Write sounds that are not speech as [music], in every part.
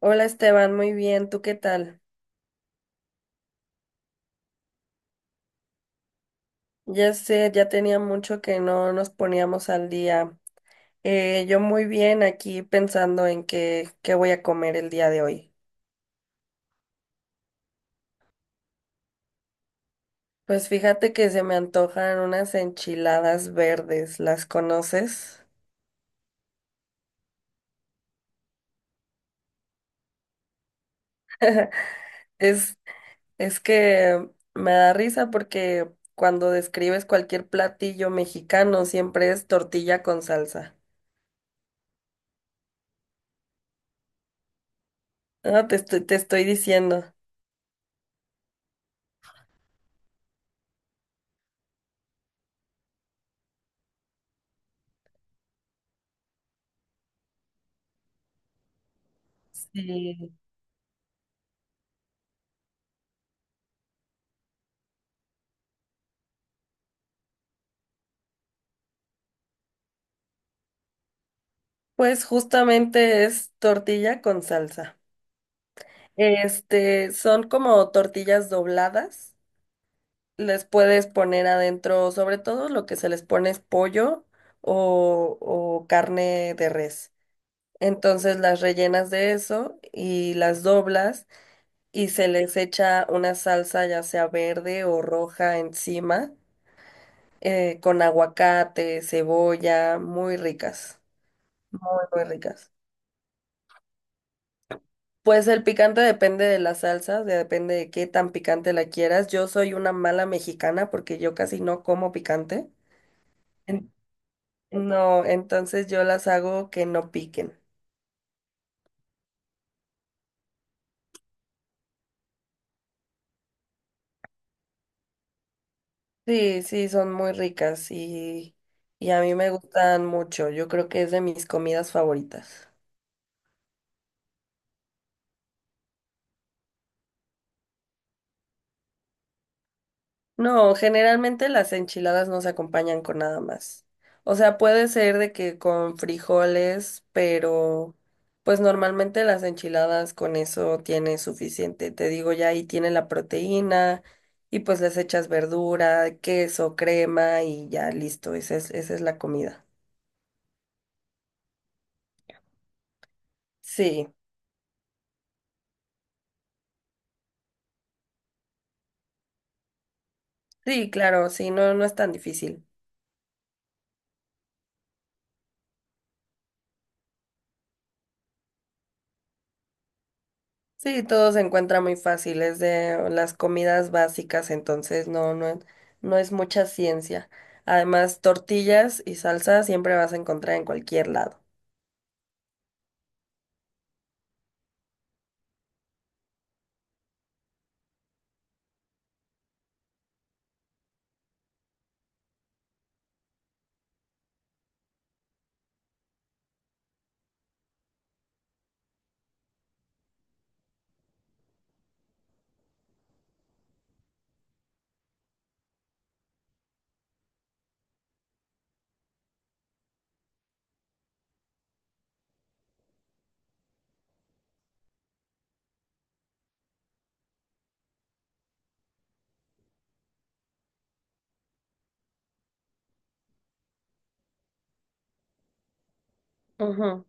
Hola Esteban, muy bien, ¿tú qué tal? Ya sé, ya tenía mucho que no nos poníamos al día. Yo muy bien aquí pensando en qué voy a comer el día de hoy. Pues fíjate que se me antojan unas enchiladas verdes, ¿las conoces? Es, es que me da risa porque cuando describes cualquier platillo mexicano siempre es tortilla con salsa. No, te estoy diciendo. Sí. Pues justamente es tortilla con salsa. Este, son como tortillas dobladas. Les puedes poner adentro, sobre todo lo que se les pone es pollo o carne de res. Entonces las rellenas de eso y las doblas y se les echa una salsa ya sea verde o roja encima, con aguacate, cebolla, muy ricas, muy ricas. Pues el picante depende de la salsa, depende de qué tan picante la quieras. Yo soy una mala mexicana porque yo casi no como picante. En- No, entonces yo las hago que no piquen. Sí, sí, son muy ricas y a mí me gustan mucho. Yo creo que es de mis comidas favoritas. No, generalmente las enchiladas no se acompañan con nada más. O sea, puede ser de que con frijoles, pero pues normalmente las enchiladas con eso tiene suficiente. Te digo, ya ahí tiene la proteína y pues les echas verdura, queso, crema y ya listo. Esa es la comida. Sí, sí, claro, sí, no, no es tan difícil. Sí, todo se encuentra muy fácil, es de las comidas básicas, entonces no es mucha ciencia. Además, tortillas y salsa siempre vas a encontrar en cualquier lado. Ujú.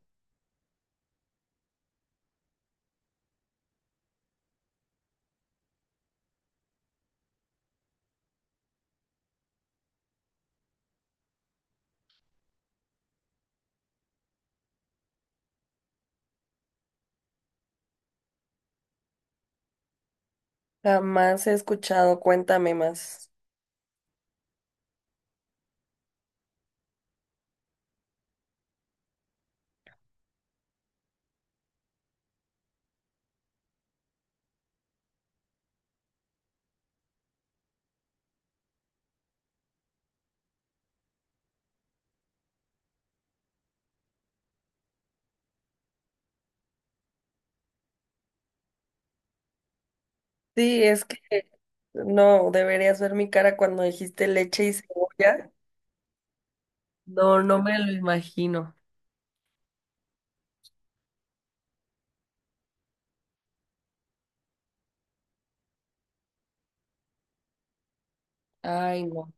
Jamás he escuchado, cuéntame más. Sí, es que no, deberías ver mi cara cuando dijiste leche y cebolla. No, no me lo imagino. Ay, no.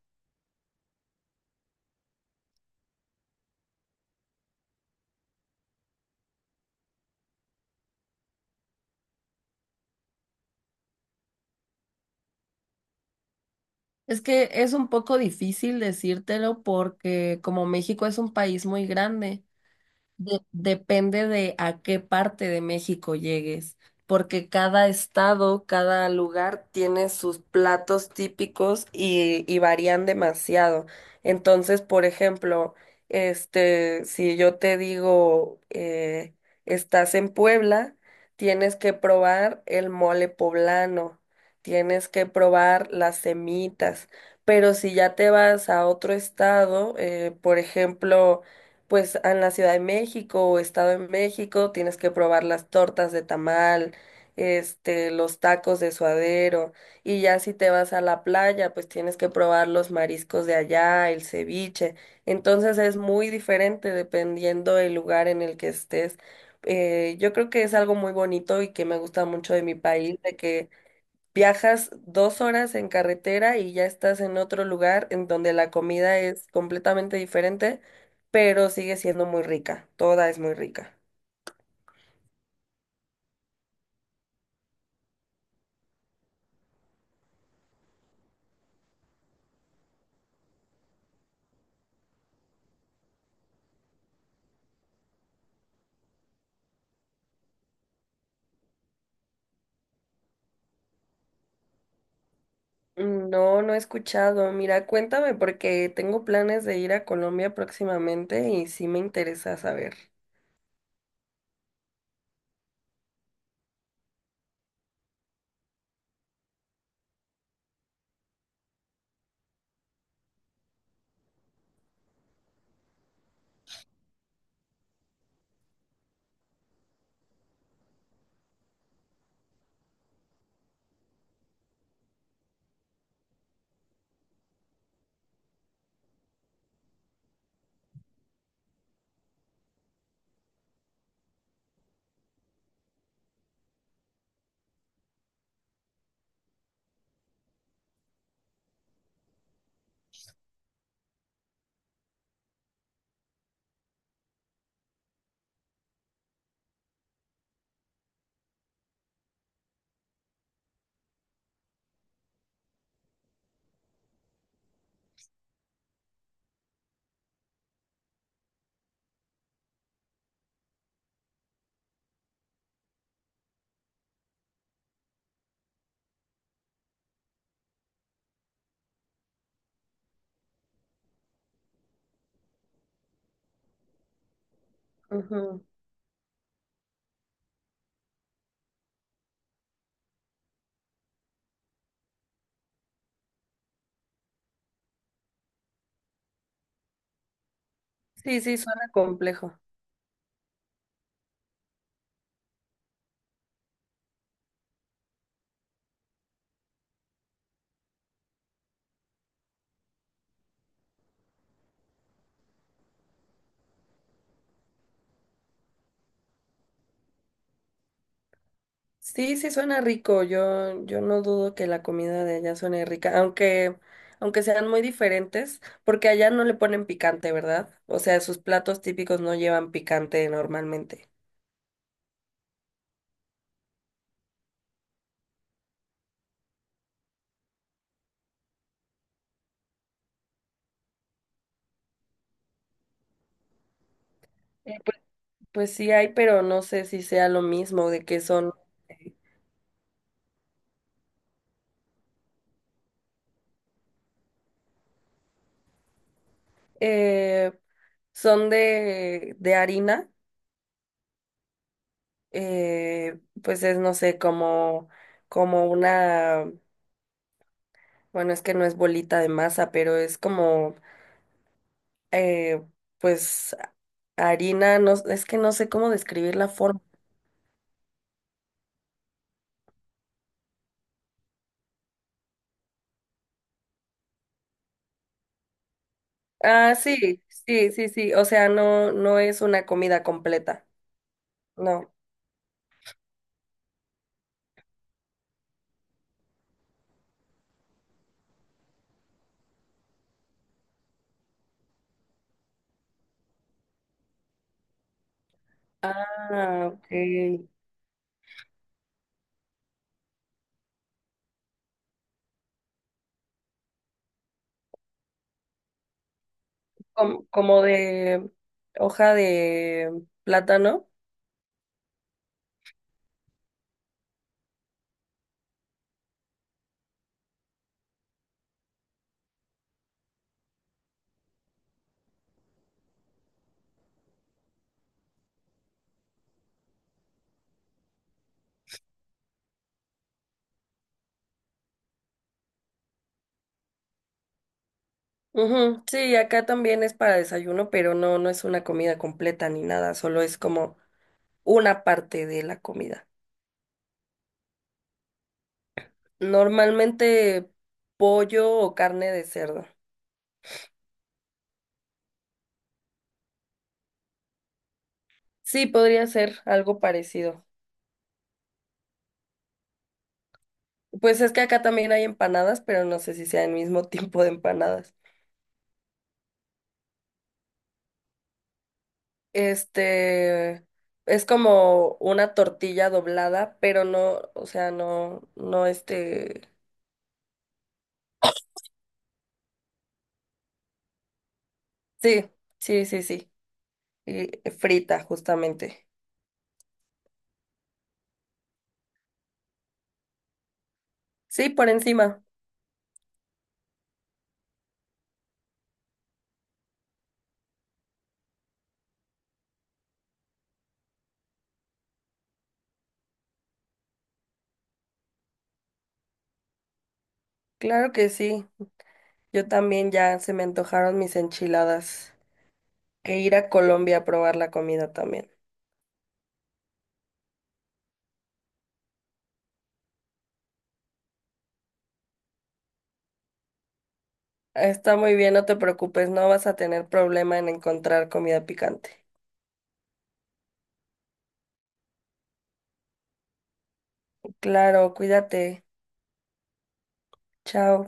Es que es un poco difícil decírtelo porque como México es un país muy grande. Depende de a qué parte de México llegues, porque cada estado, cada lugar tiene sus platos típicos y varían demasiado. Entonces, por ejemplo, este, si yo te digo, estás en Puebla, tienes que probar el mole poblano, tienes que probar las semitas, pero si ya te vas a otro estado, por ejemplo, pues en la Ciudad de México o Estado de México tienes que probar las tortas de tamal, este, los tacos de suadero, y ya si te vas a la playa, pues tienes que probar los mariscos de allá, el ceviche. Entonces es muy diferente dependiendo del lugar en el que estés. Yo creo que es algo muy bonito y que me gusta mucho de mi país, de que viajas 2 horas en carretera y ya estás en otro lugar en donde la comida es completamente diferente, pero sigue siendo muy rica. Toda es muy rica. No, no he escuchado. Mira, cuéntame porque tengo planes de ir a Colombia próximamente y sí me interesa saber. Ujú. Sí, sí, suena complejo. Sí, sí suena rico. Yo no dudo que la comida de allá suene rica, aunque, aunque sean muy diferentes, porque allá no le ponen picante, ¿verdad? O sea, sus platos típicos no llevan picante normalmente. Pues, pues sí hay, pero no sé si sea lo mismo de que son, eh, son de harina, pues es, no sé, como, como una, bueno, es que no es bolita de masa, pero es como eh, pues harina, no, es que no sé cómo describir la forma. Ah, sí, sí, sí, sí, o sea, no, no es una comida completa, no. Ah, ok. Como, como de hoja de plátano. Ujú, sí, acá también es para desayuno, pero no, no es una comida completa ni nada, solo es como una parte de la comida. Normalmente pollo o carne de cerdo. Sí, podría ser algo parecido. Pues es que acá también hay empanadas, pero no sé si sea el mismo [laughs] tipo de empanadas. Este es como una tortilla doblada, pero no, o sea, no, no este. Sí, sí, sí, sí. Y frita, justamente. Sí, por encima. Claro que sí. Yo también ya se me antojaron mis enchiladas. Que ir a Colombia a probar la comida también. Está muy bien, no te preocupes, no vas a tener problema en encontrar comida picante. Claro, cuídate. Chao.